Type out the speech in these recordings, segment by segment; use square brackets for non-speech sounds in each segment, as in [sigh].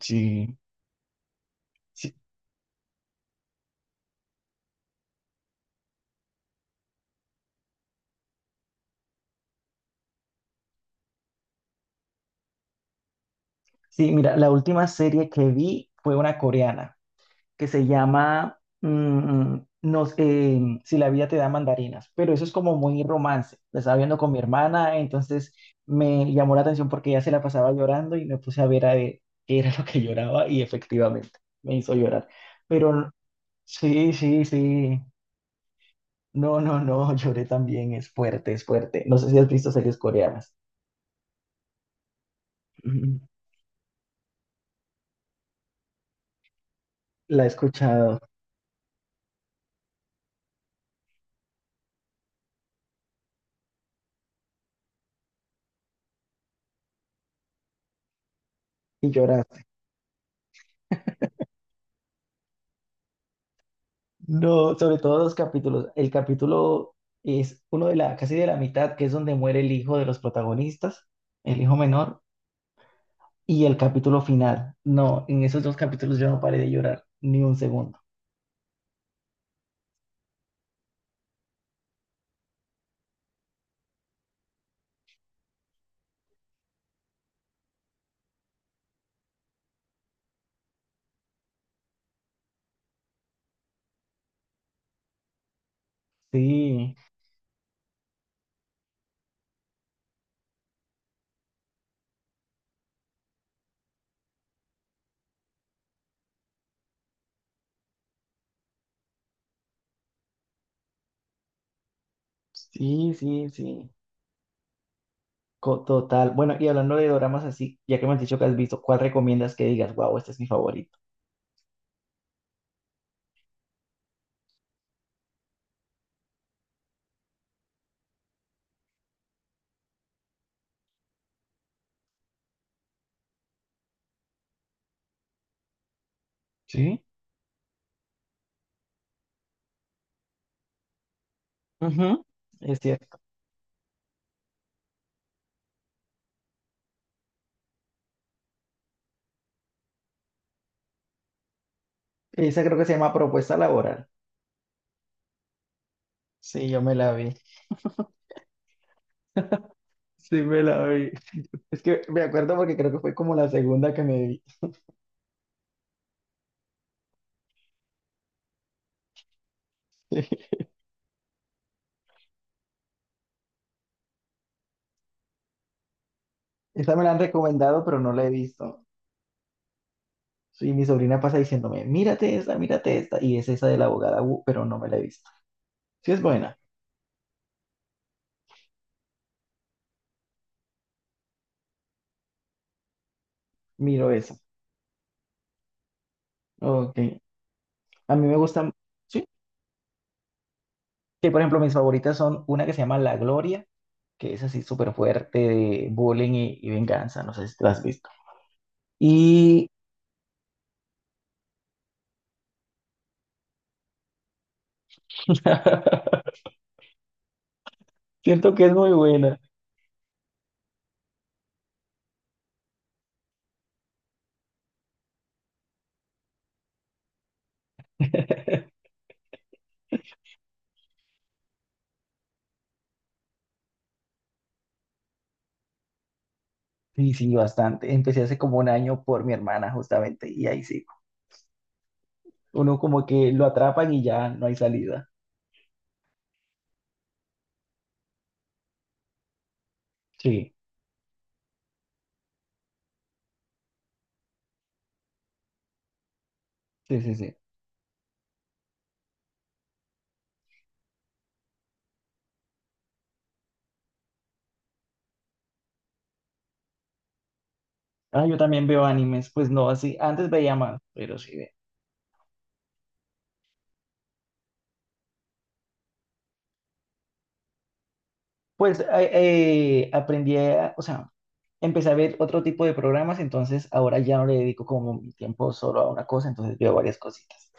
Sí, sí, sí, mira, la última serie que vi fue una coreana que se llama Si la vida te da mandarinas, pero eso es como muy romance. La estaba viendo con mi hermana, entonces me llamó la atención porque ella se la pasaba llorando y me puse a ver qué era lo que [laughs] lloraba y efectivamente me hizo llorar. Pero sí, sí, sí, no, no, no, [laughs] lloré también, es fuerte, es fuerte. No sé si has visto series coreanas. Ujú. La he escuchado y lloras. No, sobre todo dos capítulos. El capítulo es uno de la, casi de la mitad, que es donde muere el hijo de los protagonistas, el hijo menor, y el capítulo final. No, en esos dos capítulos yo no paré de llorar ni un segundo. Sí, sí, sí, sí. Total. Bueno, y hablando de doramas así, ya que me has dicho que has visto, ¿cuál recomiendas que digas, wow, este es mi favorito? Sí. Ujú. Es cierto. Esa creo que se llama Propuesta Laboral. Sí, yo me la vi. Sí, me la vi. Es que me acuerdo porque creo que fue como la segunda que me vi. [laughs] Esa me la han recomendado, pero no la he visto. Y mi sobrina pasa diciéndome, mírate esta, mírate esta. Y es esa de la abogada Wu, pero no me la he visto. Sí es buena, miro esa. Ok. A mí me gustan, sí. Que por ejemplo mis favoritas son una que se llama La Gloria, que es así súper fuerte, de bullying y venganza. No sé si te la has visto. Y [laughs] Siento que es muy buena. [laughs] Sí, sí, bastante. Empecé hace como un año por mi hermana, justamente, y ahí sí. Uno como que lo atrapan y ya no hay salida. Sí, sí, sí, sí. Ah, yo también veo animes, pues no así, antes veía más, pero sí. Pues eh, Aprendí, o sea, empecé a ver otro tipo de programas, entonces ahora ya no le dedico como mi tiempo solo a una cosa, entonces veo varias cositas.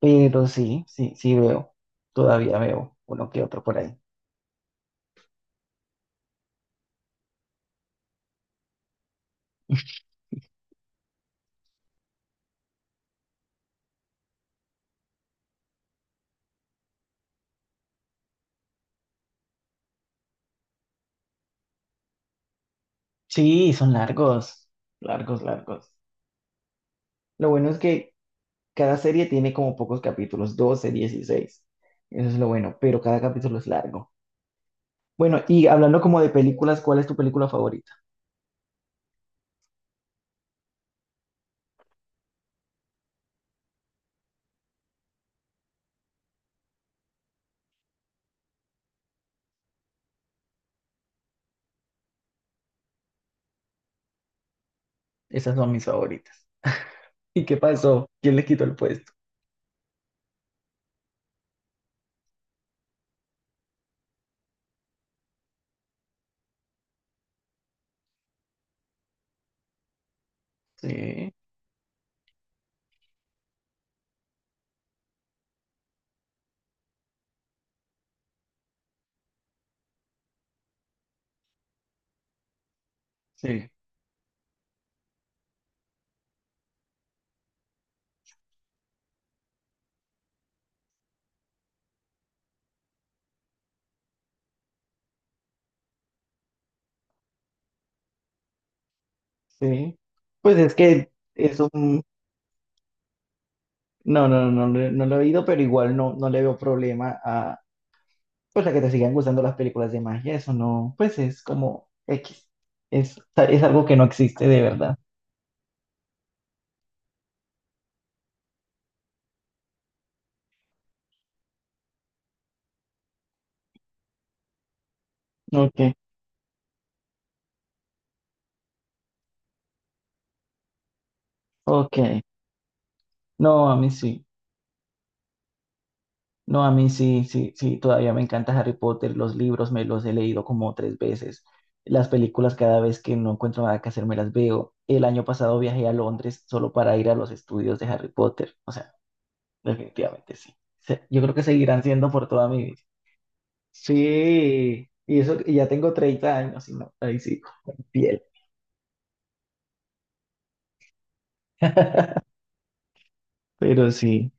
Pero sí, sí, sí veo, todavía veo uno que otro por ahí. Sí, son largos, largos, largos. Lo bueno es que cada serie tiene como pocos capítulos, 12, 16. Eso es lo bueno, pero cada capítulo es largo. Bueno, y hablando como de películas, ¿cuál es tu película favorita? Esas son mis favoritas. ¿Y qué pasó? ¿Quién le quitó el puesto? Sí, sí, sí. Pues es que es un... No, no, no, no, no lo he oído, pero igual no, no le veo problema a, pues a que te sigan gustando las películas de magia, eso no, pues es como X. Es algo que no existe de verdad. Ok, ok. No, a mí sí. No, a mí sí, sí, sí. Todavía me encanta Harry Potter. Los libros me los he leído como tres veces. Las películas cada vez que no encuentro nada que hacer me las veo. El año pasado viajé a Londres solo para ir a los estudios de Harry Potter. O sea, definitivamente sí. Yo creo que seguirán siendo por toda mi vida. Sí, y eso, y ya tengo 30 años y no, ahí sí, piel. Pero sí,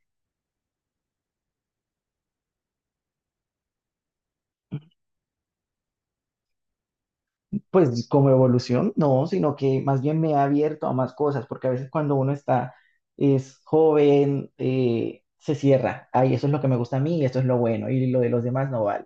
pues como evolución, no, sino que más bien me ha abierto a más cosas, porque a veces cuando uno está, es joven, se cierra. Ay, eso es lo que me gusta a mí, y esto es lo bueno, y lo de los demás no vale.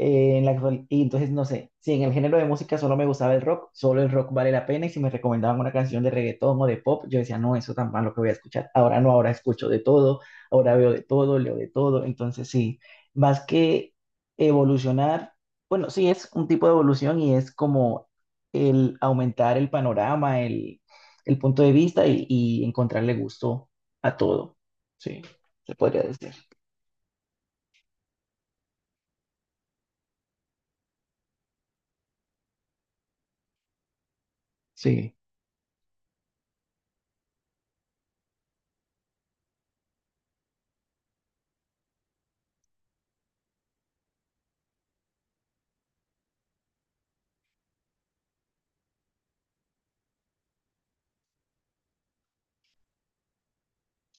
Y entonces, no sé, si en el género de música solo me gustaba el rock, solo el rock vale la pena. Y si me recomendaban una canción de reggaetón o de pop, yo decía, no, eso tan malo que voy a escuchar. Ahora no, ahora escucho de todo, ahora veo de todo, leo de todo. Entonces, sí, más que evolucionar, bueno, sí es un tipo de evolución y es como el aumentar el panorama, el punto de vista y encontrarle gusto a todo. Sí, se podría decir. Sí,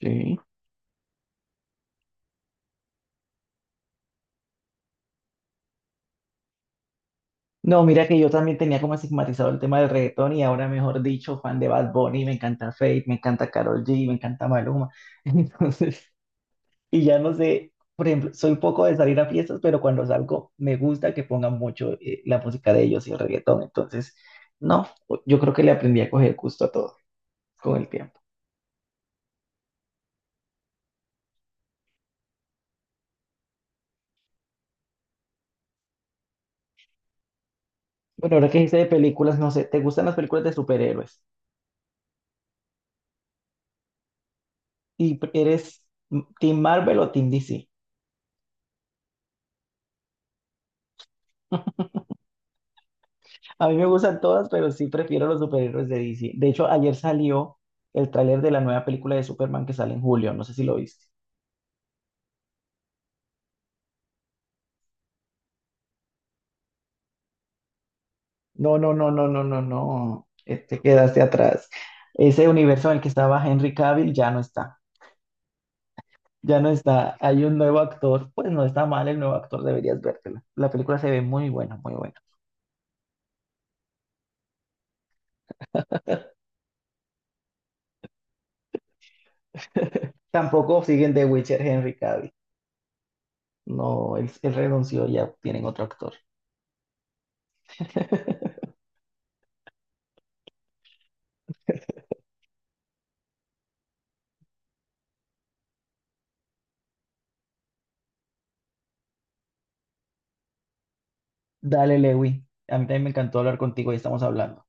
sí. No, mira que yo también tenía como estigmatizado el tema del reggaetón y ahora, mejor dicho, fan de Bad Bunny, me encanta Fate, me encanta Karol G, me encanta Maluma. [laughs] Entonces, y ya no sé, por ejemplo, soy poco de salir a fiestas, pero cuando salgo me gusta que pongan mucho la música de ellos y el reggaetón. Entonces, no, yo creo que le aprendí a coger gusto a todo con el tiempo. Bueno, ahora que dice de películas, no sé, ¿te gustan las películas de superhéroes? ¿Y eres Team Marvel o Team DC? A mí me gustan todas, pero sí prefiero los superhéroes de DC. De hecho, ayer salió el tráiler de la nueva película de Superman que sale en julio. No sé si lo viste. No, no, no, no, no, no, no. Te quedaste atrás. Ese universo en el que estaba Henry Cavill ya no está. Ya no está. Hay un nuevo actor. Pues no está mal el nuevo actor, deberías vértela. La película se ve muy buena, muy buena. Tampoco siguen The Witcher Henry Cavill. No, él renunció, ya tienen otro actor. [laughs] Dale, Lewi. A mí también me encantó hablar contigo y estamos hablando.